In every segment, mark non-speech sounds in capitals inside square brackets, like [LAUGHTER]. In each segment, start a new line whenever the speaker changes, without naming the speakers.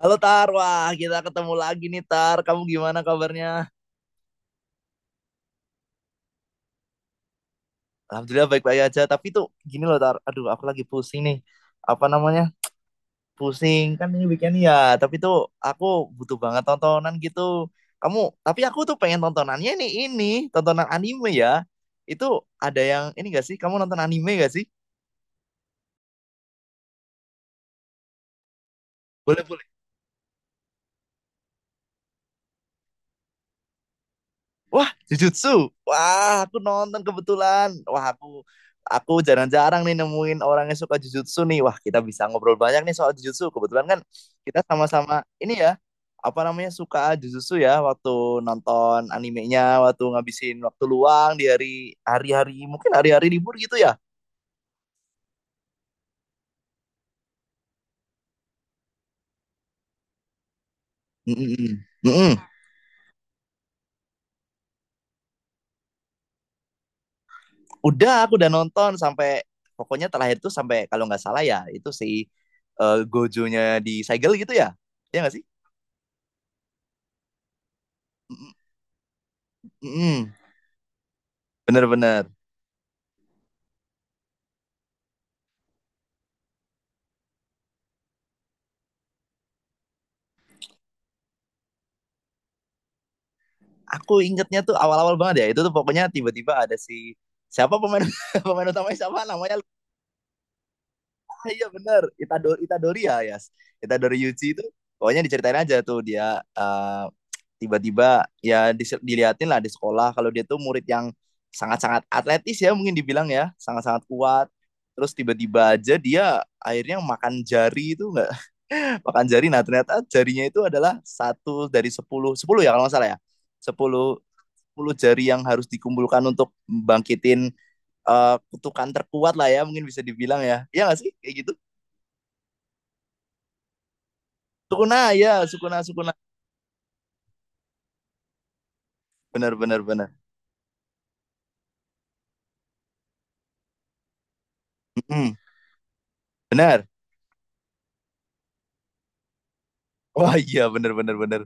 Halo Tar, wah kita ketemu lagi nih Tar. Kamu gimana kabarnya? Alhamdulillah baik-baik aja. Tapi tuh gini loh Tar, aduh aku lagi pusing nih. Apa namanya? Pusing kan ini weekend ya. Tapi tuh aku butuh banget tontonan gitu. Kamu, tapi aku tuh pengen tontonannya nih ini, tontonan anime ya. Itu ada yang ini gak sih? Kamu nonton anime gak sih? Boleh boleh. Wah, Jujutsu. Wah, aku nonton kebetulan. Wah, aku jarang-jarang nih nemuin orang yang suka Jujutsu nih. Wah, kita bisa ngobrol banyak nih soal Jujutsu. Kebetulan kan kita sama-sama ini ya, apa namanya suka Jujutsu ya waktu nonton animenya, waktu ngabisin waktu luang di hari-hari mungkin hari-hari libur gitu ya. Mm-mm. Mm-mm. Udah, aku udah nonton sampai pokoknya terakhir tuh sampai kalau nggak salah ya itu si Gojo-nya di segel gitu ya. Iya nggak sih? Mm-mm. Mm-mm. Bener-bener. Aku ingetnya tuh awal-awal banget ya. Itu tuh pokoknya tiba-tiba ada si siapa pemain [LAUGHS] pemain utamanya siapa namanya. Ah, iya bener Itadori Itadori ya Yas. Itadori Yuji itu pokoknya diceritain aja tuh dia tiba-tiba ya diliatin lah di sekolah kalau dia tuh murid yang sangat-sangat atletis ya mungkin dibilang ya sangat-sangat kuat terus tiba-tiba aja dia akhirnya makan jari itu enggak. [LAUGHS] Makan jari, nah ternyata jarinya itu adalah satu dari sepuluh sepuluh ya kalau nggak salah ya sepuluh 10 jari yang harus dikumpulkan untuk membangkitin kutukan terkuat lah ya mungkin bisa dibilang ya iya nggak sih kayak gitu. Sukuna ya, sukuna sukuna Benar benar benar. Mm-mm, benar. Wah iya benar benar benar.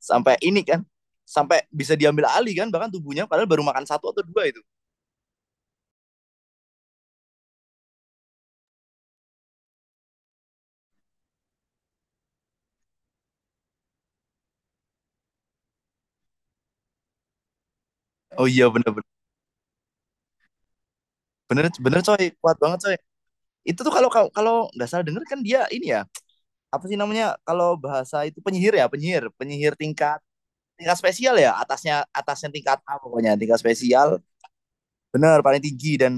Sampai ini kan sampai bisa diambil alih kan bahkan tubuhnya padahal baru makan satu atau dua itu. Oh iya benar benar benar. Benar coy, kuat banget coy. Itu tuh kalau kalau kalau nggak salah denger kan dia ini ya apa sih namanya kalau bahasa itu penyihir ya penyihir penyihir tingkat tingkat spesial ya atasnya atasnya tingkat A pokoknya tingkat spesial. Bener, paling tinggi dan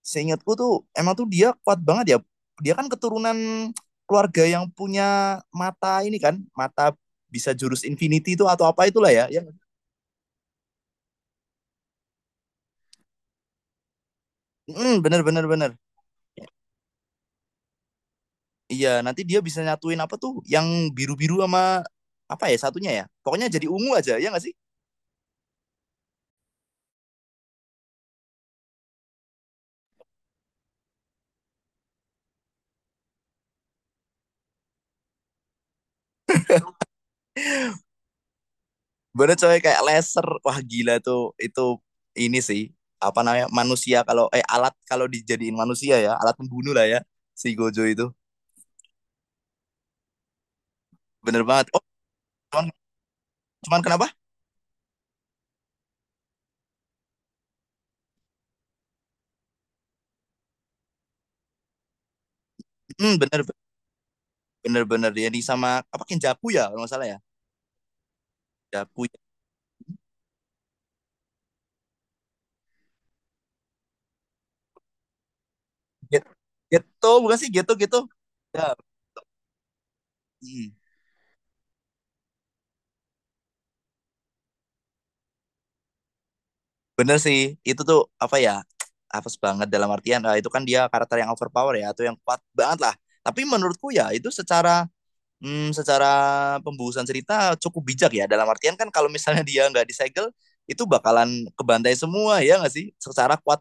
seingatku tuh emang tuh dia kuat banget ya. Dia kan keturunan keluarga yang punya mata ini kan, mata bisa jurus infinity itu atau apa itulah ya. Yang bener bener bener. Iya, nanti dia bisa nyatuin apa tuh yang biru-biru sama apa ya satunya ya. Pokoknya jadi ungu aja, ya nggak sih? Bener coy kayak laser. Wah, gila tuh. Itu ini sih apa namanya manusia kalau alat kalau dijadiin manusia ya, alat pembunuh lah ya si Gojo itu. Bener banget. Oh, cuman, cuman, kenapa? Bener bener bener, ya di sama apa Kenjaku ya kalau nggak salah ya? Kenjaku ya. Get Getto bukan sih? Getto Getto? Ya, mhm, bener sih itu tuh apa ya, [TSK] apes banget dalam artian, itu kan dia karakter yang overpower ya atau yang kuat banget lah. Tapi menurutku ya itu secara pembusuhan cerita cukup bijak ya dalam artian kan kalau misalnya dia nggak disegel, itu bakalan kebantai semua ya nggak sih? Secara kuat,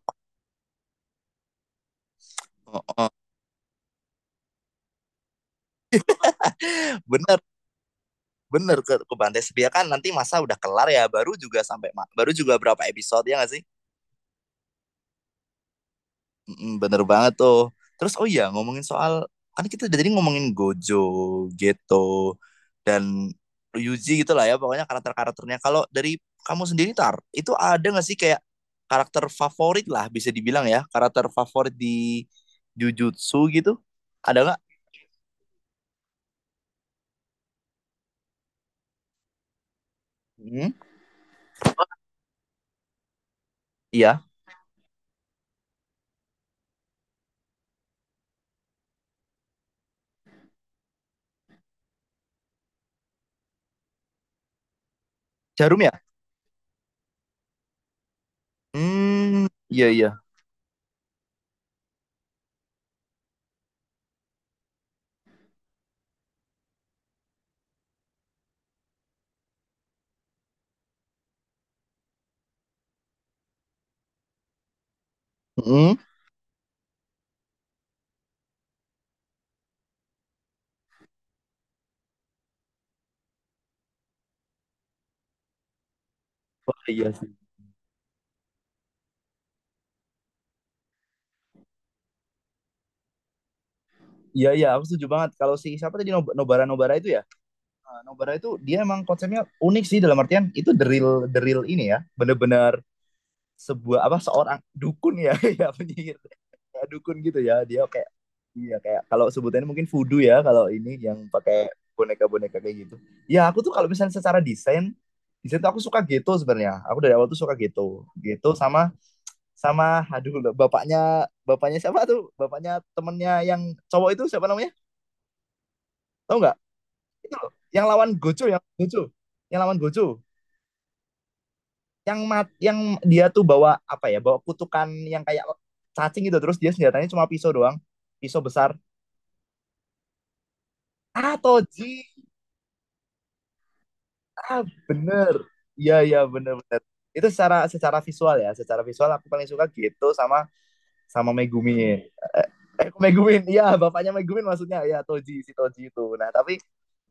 heeh, bener. Bener ke Bantai Setia kan nanti masa udah kelar ya baru juga berapa episode ya nggak sih. Mm-mm, bener banget tuh terus oh iya ngomongin soal kan kita udah tadi ngomongin Gojo, Geto, dan Ryuji gitu lah ya pokoknya karakter-karakternya kalau dari kamu sendiri Tar itu ada nggak sih kayak karakter favorit lah bisa dibilang ya karakter favorit di Jujutsu gitu ada nggak? Hmm, iya. Jarum ya. Hmm. Iya iya. Hmm. Wah, iya sih. Iya iya, aku setuju banget. Kalau si siapa tadi Nobara Nobara itu ya. Nah, Nobara itu dia emang konsepnya unik sih dalam artian itu the real ini ya, bener-bener sebuah apa seorang dukun ya, [LAUGHS] ya penyihir. Kayak dukun gitu ya. Dia kayak iya kayak kalau sebutannya mungkin voodoo ya kalau ini yang pakai boneka-boneka kayak gitu. Ya aku tuh kalau misalnya secara desain desain tuh aku suka gitu sebenarnya. Aku dari awal tuh suka gitu sama sama aduh bapaknya bapaknya siapa tuh bapaknya temennya yang cowok itu siapa namanya? Tahu nggak? Itu loh yang lawan Gojo yang lawan Gojo yang dia tuh bawa apa ya bawa kutukan yang kayak cacing gitu terus dia senjatanya cuma pisau doang, pisau besar. Ah Toji, ah bener iya iya bener bener itu secara secara visual ya secara visual aku paling suka gitu sama sama Megumin. Eh Megumin, iya bapaknya Megumin maksudnya ya Toji si Toji itu, nah tapi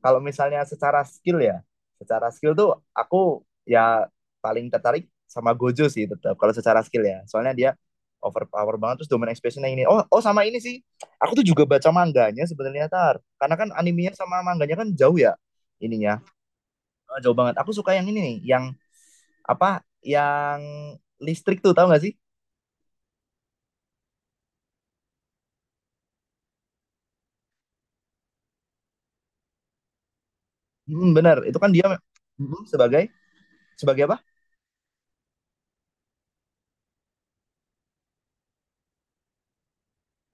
kalau misalnya secara skill ya, secara skill tuh aku ya paling tertarik sama Gojo sih tetap kalau secara skill ya. Soalnya dia overpower banget terus domain expansionnya ini oh oh sama ini sih aku tuh juga baca mangganya sebenarnya tar karena kan animenya sama mangganya kan jauh ya ininya. Eh, jauh banget aku suka yang ini nih yang apa yang listrik tuh tahu nggak sih. Hmm, bener itu kan dia sebagai sebagai apa.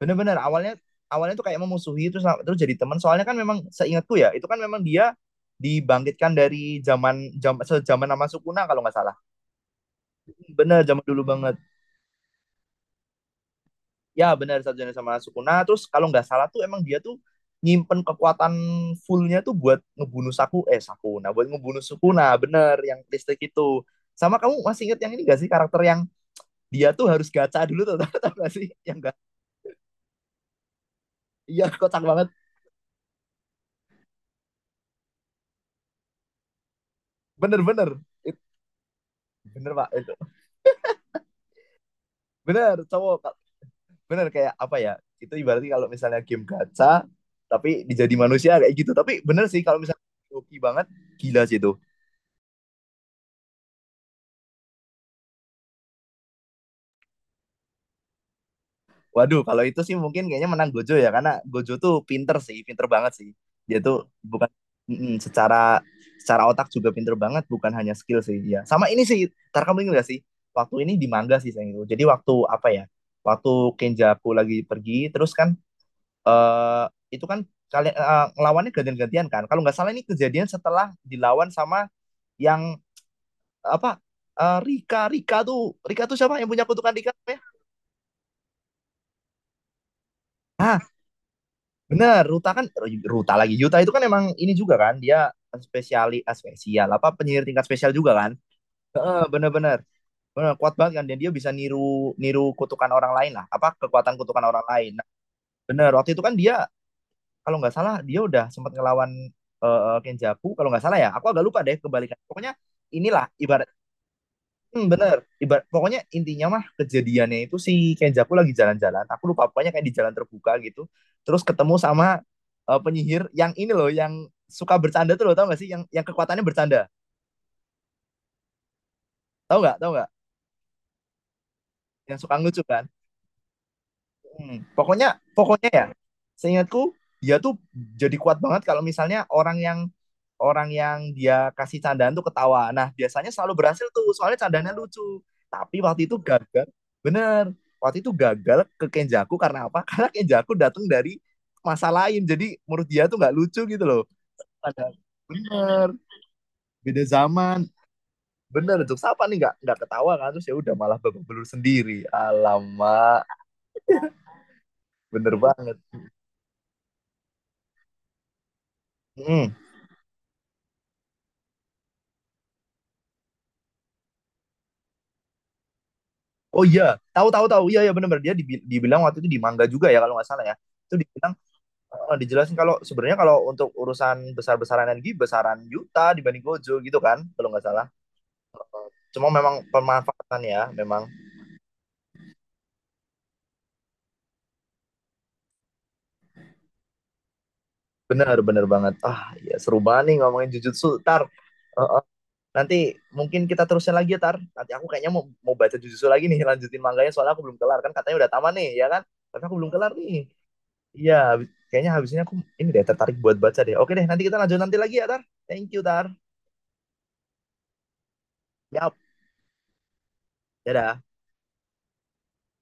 Bener-bener awalnya awalnya tuh kayak memusuhi terus terus jadi teman. Soalnya kan memang seingatku ya, itu kan memang dia dibangkitkan dari zaman sejaman sama Sukuna kalau nggak salah. Bener zaman dulu banget. Ya bener satu zaman sama Sukuna. Terus kalau nggak salah tuh emang dia tuh nyimpen kekuatan fullnya tuh buat ngebunuh Sakuna buat ngebunuh Sukuna bener yang listrik itu. Sama kamu masih inget yang ini gak sih, karakter yang dia tuh harus gacha dulu tuh [LAUGHS] tau tau gak sih yang gak. Iya kocak banget bener bener. It- Bener pak itu. Bener cowok. Bener kayak apa ya. Itu ibaratnya kalau misalnya game gacha tapi dijadi manusia kayak gitu tapi bener sih kalau misalnya hoki banget, gila sih itu. Waduh kalau itu sih mungkin kayaknya menang Gojo ya karena Gojo tuh pinter sih pinter banget sih. Dia tuh bukan secara secara otak juga pinter banget bukan hanya skill sih ya sama ini sih ntar kamu ingat gak sih waktu ini di manga sih sayang itu jadi waktu apa ya waktu Kenjaku lagi pergi terus kan eh itu kan kalian eh, ngelawannya gantian-gantian kan. Kalau nggak salah ini kejadian setelah dilawan sama yang apa eh, Rika Rika tuh siapa yang punya kutukan Rika ya? Ah bener Ruta kan eh, Ruta lagi Yuta itu kan emang ini juga kan dia spesial apa penyihir tingkat spesial juga kan? Heeh, bener-bener bener, kuat banget kan dan dia bisa niru niru kutukan orang lain lah apa kekuatan kutukan orang lain. Nah, bener waktu itu kan dia kalau nggak salah dia udah sempat ngelawan Kenjaku kalau nggak salah ya aku agak lupa deh kebalikan pokoknya inilah ibarat bener ibarat pokoknya intinya mah kejadiannya itu si Kenjaku lagi jalan-jalan aku lupa pokoknya kayak di jalan terbuka gitu terus ketemu sama penyihir yang ini loh yang suka bercanda tuh loh tau nggak sih yang kekuatannya bercanda tau nggak yang suka ngelucu kan. Pokoknya pokoknya ya seingatku dia tuh jadi kuat banget kalau misalnya orang yang dia kasih candaan tuh ketawa. Nah, biasanya selalu berhasil tuh, soalnya candaannya lucu. Tapi waktu itu gagal, bener. Waktu itu gagal ke Kenjaku karena apa? [LAUGHS] Karena Kenjaku datang dari masa lain, jadi menurut dia tuh nggak lucu gitu loh. Padahal bener, beda zaman. Bener, Jok Sapa nih nggak ketawa kan terus ya udah malah babak belur sendiri. Alamak, bener banget. Mm. Oh iya, tahu tahu tahu. Iya ya bener bener dia dibilang waktu itu di manga juga ya kalau nggak salah ya. Itu dibilang eh, dijelasin kalau sebenarnya kalau untuk urusan besar-besaran energi besaran Yuta dibanding Gojo gitu kan kalau nggak salah cuma memang pemanfaatan ya memang benar benar banget ah ya seru banget nih ngomongin Jujutsu tar. Eh, nanti mungkin kita terusin lagi ya tar nanti aku kayaknya mau mau baca Jujutsu lagi nih [LAUGHS] lanjutin manganya soalnya aku belum kelar kan katanya udah tamat nih ya kan tapi aku belum kelar nih iya kayaknya habis ini aku ini deh tertarik buat baca deh oke deh nanti kita lanjut nanti lagi ya tar thank you tar yap dadah.